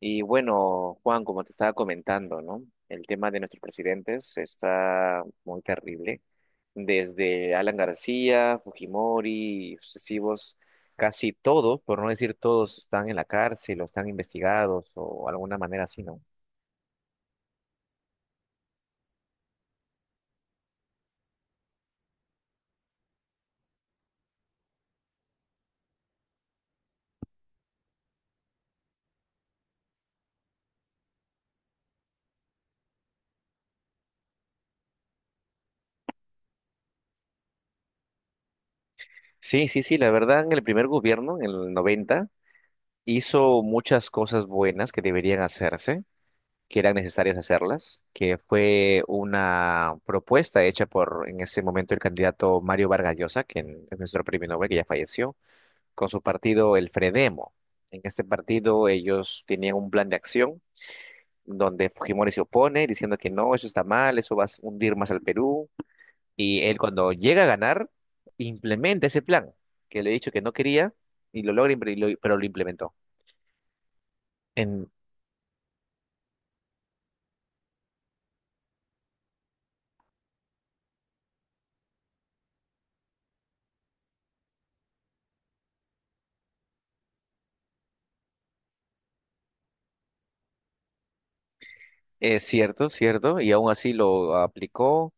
Y bueno, Juan, como te estaba comentando, ¿no? El tema de nuestros presidentes está muy terrible. Desde Alan García, Fujimori, y sucesivos, casi todos, por no decir todos, están en la cárcel o están investigados o alguna manera así, ¿no? Sí, sí, sí, la verdad, en el primer gobierno, en el 90 hizo muchas cosas buenas que deberían hacerse. Que eran necesarias hacerlas, que fue una propuesta hecha por en ese momento el candidato Mario Vargas Llosa, que es nuestro premio Nobel, que ya falleció, con su partido el Fredemo. En este partido ellos tenían un plan de acción donde Fujimori se opone diciendo que no, eso está mal, eso va a hundir más al Perú. Y él cuando llega a ganar, implementa ese plan que le he dicho que no quería y lo logra, pero lo implementó. En- Es cierto, cierto, y aún así lo aplicó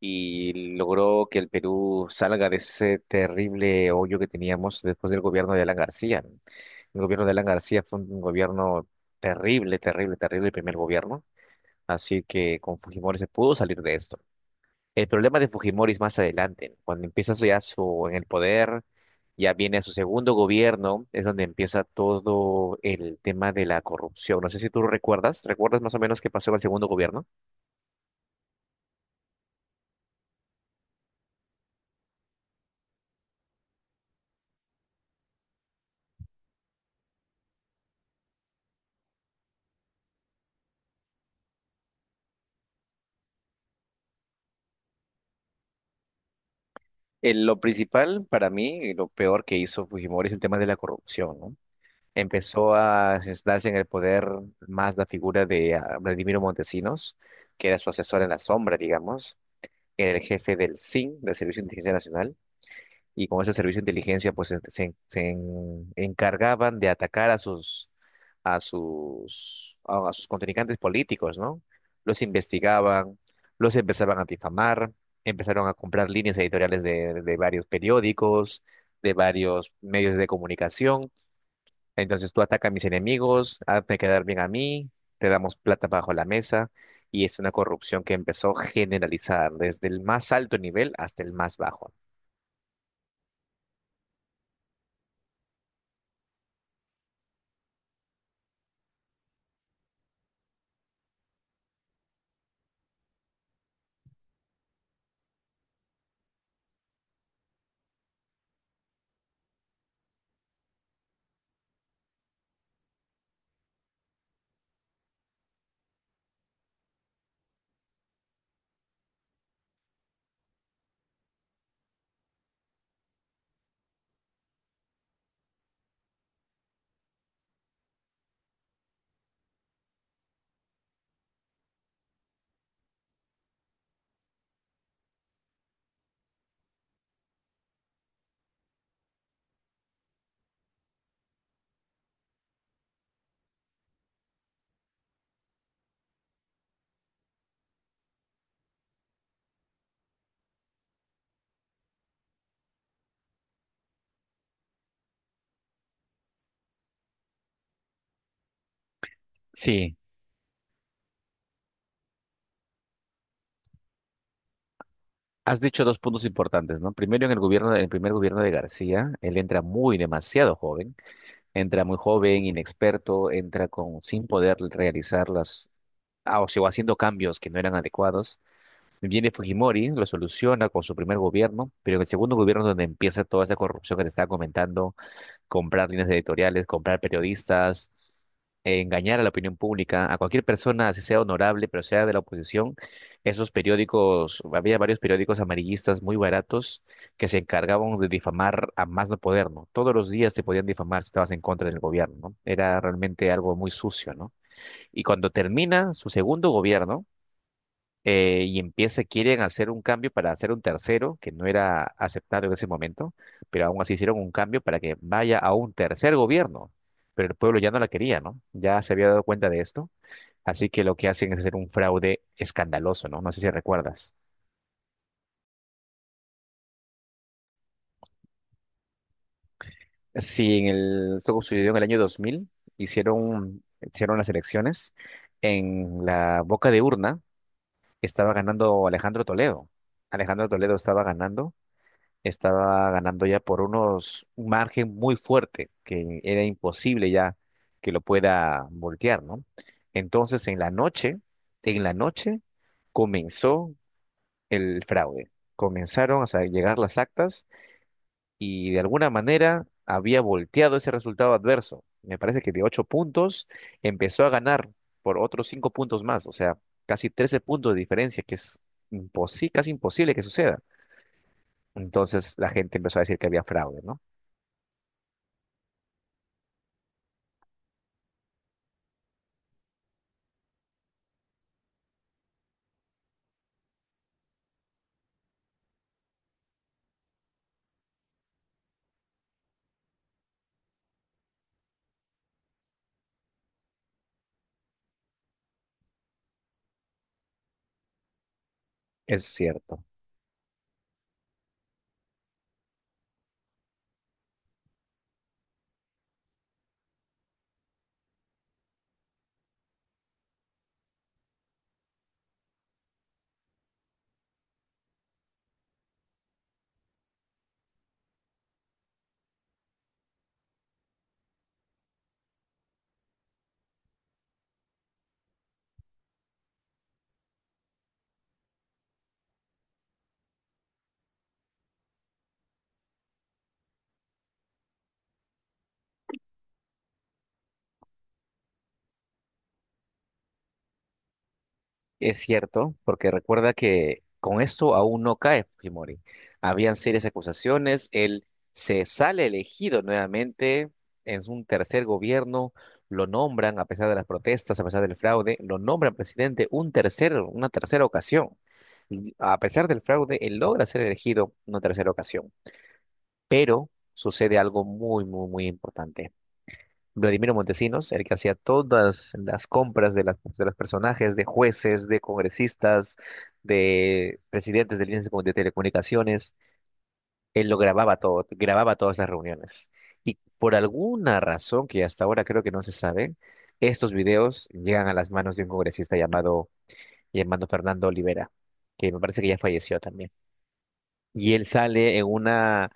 y logró que el Perú salga de ese terrible hoyo que teníamos después del gobierno de Alan García, ¿no? El gobierno de Alan García fue un gobierno terrible, terrible, terrible, el primer gobierno, así que con Fujimori se pudo salir de esto. El problema de Fujimori es más adelante, ¿no? Cuando empieza ya su, en el poder, ya viene a su segundo gobierno, es donde empieza todo el tema de la corrupción. No sé si tú recuerdas, ¿recuerdas más o menos qué pasó en el segundo gobierno? Lo principal para mí, y lo peor que hizo Fujimori es el tema de la corrupción, ¿no? Empezó a sentarse en el poder más la figura de Vladimiro Montesinos, que era su asesor en la sombra, digamos, era el jefe del SIN, del Servicio de Inteligencia Nacional, y con ese servicio de inteligencia pues encargaban de atacar a sus a sus contrincantes políticos, ¿no? Los investigaban, los empezaban a difamar, empezaron a comprar líneas editoriales de varios periódicos, de varios medios de comunicación. Entonces tú ataca a mis enemigos, hazme quedar bien a mí, te damos plata bajo la mesa. Y es una corrupción que empezó a generalizar desde el más alto nivel hasta el más bajo. Sí. Has dicho dos puntos importantes, ¿no? Primero, en el gobierno, en el primer gobierno de García, él entra muy demasiado joven, entra muy joven, inexperto, entra con sin poder realizar las, o sea, haciendo cambios que no eran adecuados. Viene Fujimori, lo soluciona con su primer gobierno, pero en el segundo gobierno es donde empieza toda esa corrupción que te estaba comentando, comprar líneas editoriales, comprar periodistas, engañar a la opinión pública, a cualquier persona, así sea honorable, pero sea de la oposición, esos periódicos, había varios periódicos amarillistas muy baratos que se encargaban de difamar a más no poder, ¿no? Todos los días te podían difamar si estabas en contra del gobierno, ¿no? Era realmente algo muy sucio, ¿no? Y cuando termina su segundo gobierno, y empieza, quieren hacer un cambio para hacer un tercero, que no era aceptado en ese momento, pero aún así hicieron un cambio para que vaya a un tercer gobierno. Pero el pueblo ya no la quería, ¿no? Ya se había dado cuenta de esto. Así que lo que hacen es hacer un fraude escandaloso, ¿no? No sé si recuerdas. Sí, en el, esto sucedió en el año 2000 hicieron las elecciones. En la boca de urna estaba ganando Alejandro Toledo. Alejandro Toledo estaba ganando ya por unos un margen muy fuerte que era imposible ya que lo pueda voltear, ¿no? Entonces en la noche, en la noche comenzó el fraude. Comenzaron a llegar las actas y de alguna manera había volteado ese resultado adverso. Me parece que de ocho puntos empezó a ganar por otros cinco puntos más, o sea, casi 13 puntos de diferencia, que es casi imposible que suceda. Entonces la gente empezó a decir que había fraude, ¿no? Es cierto, es cierto, porque recuerda que con esto aún no cae Fujimori. Habían serias acusaciones, él se sale elegido nuevamente en un tercer gobierno, lo nombran a pesar de las protestas, a pesar del fraude, lo nombran presidente un tercer, una tercera ocasión. Y a pesar del fraude, él logra ser elegido una tercera ocasión, pero sucede algo muy, muy, muy importante. Vladimiro Montesinos, el que hacía todas las compras de, las, de los personajes, de jueces, de congresistas, de presidentes del índice de de telecomunicaciones, él lo grababa todo, grababa todas las reuniones. Y por alguna razón que hasta ahora creo que no se sabe, estos videos llegan a las manos de un congresista llamado Fernando Olivera, que me parece que ya falleció también y él sale en una,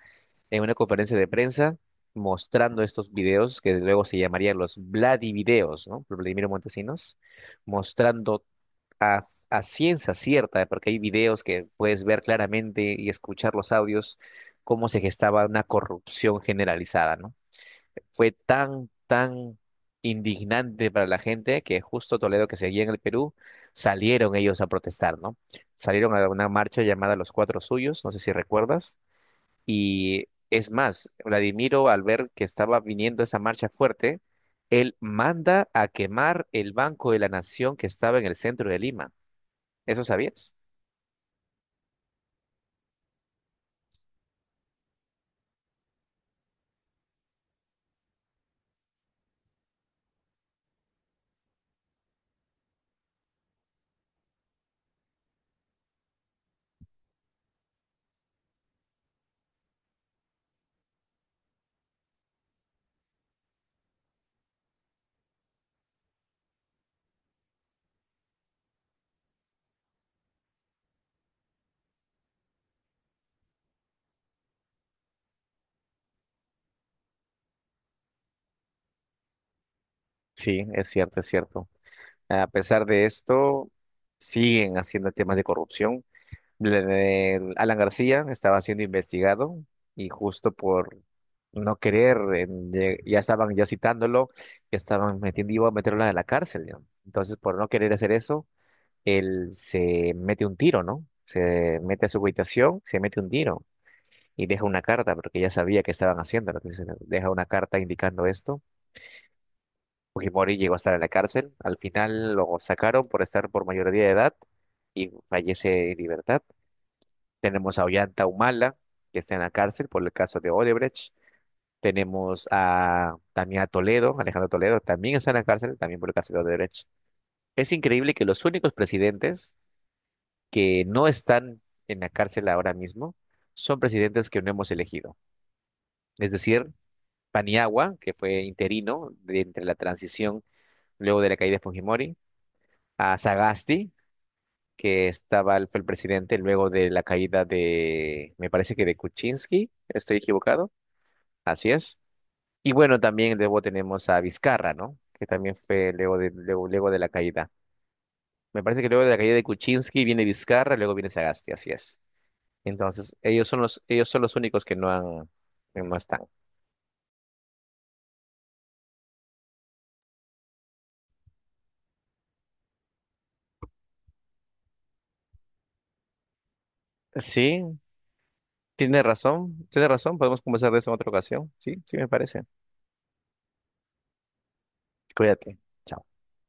conferencia de prensa mostrando estos videos que luego se llamarían los Vladivideos, ¿no? Por Vladimiro Montesinos, mostrando a, a ciencia cierta, porque hay videos que puedes ver claramente y escuchar los audios, cómo se gestaba una corrupción generalizada, ¿no? Fue tan, tan indignante para la gente que justo Toledo que seguía en el Perú, salieron ellos a protestar, ¿no? Salieron a una marcha llamada Los Cuatro Suyos, no sé si recuerdas, y es más, Vladimiro, al ver que estaba viniendo esa marcha fuerte, él manda a quemar el Banco de la Nación que estaba en el centro de Lima. ¿Eso sabías? Sí, es cierto, es cierto. A pesar de esto, siguen haciendo temas de corrupción. El Alan García estaba siendo investigado y justo por no querer, ya estaban ya citándolo, ya estaban metiendo, iba a meterlo a la cárcel, ¿no? Entonces, por no querer hacer eso, él se mete un tiro, ¿no? Se mete a su habitación, se mete un tiro y deja una carta porque ya sabía que estaban haciendo. Entonces deja una carta indicando esto. Fujimori llegó a estar en la cárcel. Al final lo sacaron por estar por mayoría de edad y fallece en libertad. Tenemos a Ollanta Humala, que está en la cárcel por el caso de Odebrecht. Tenemos a también a Toledo, Alejandro Toledo, también está en la cárcel, también por el caso de Odebrecht. Es increíble que los únicos presidentes que no están en la cárcel ahora mismo son presidentes que no hemos elegido. Es decir, Paniagua, que fue interino de entre la transición luego de la caída de Fujimori, a Sagasti, que estaba, fue el presidente luego de la caída de, me parece que de Kuczynski, estoy equivocado, así es. Y bueno, también luego tenemos a Vizcarra, ¿no? Que también fue luego de la caída. Me parece que luego de la caída de Kuczynski viene Vizcarra, luego viene Sagasti, así es. Entonces, ellos son los únicos que no han, que no están. Sí, tiene razón, tiene razón. Podemos conversar de eso en otra ocasión. Sí, sí me parece. Cuídate. Chao.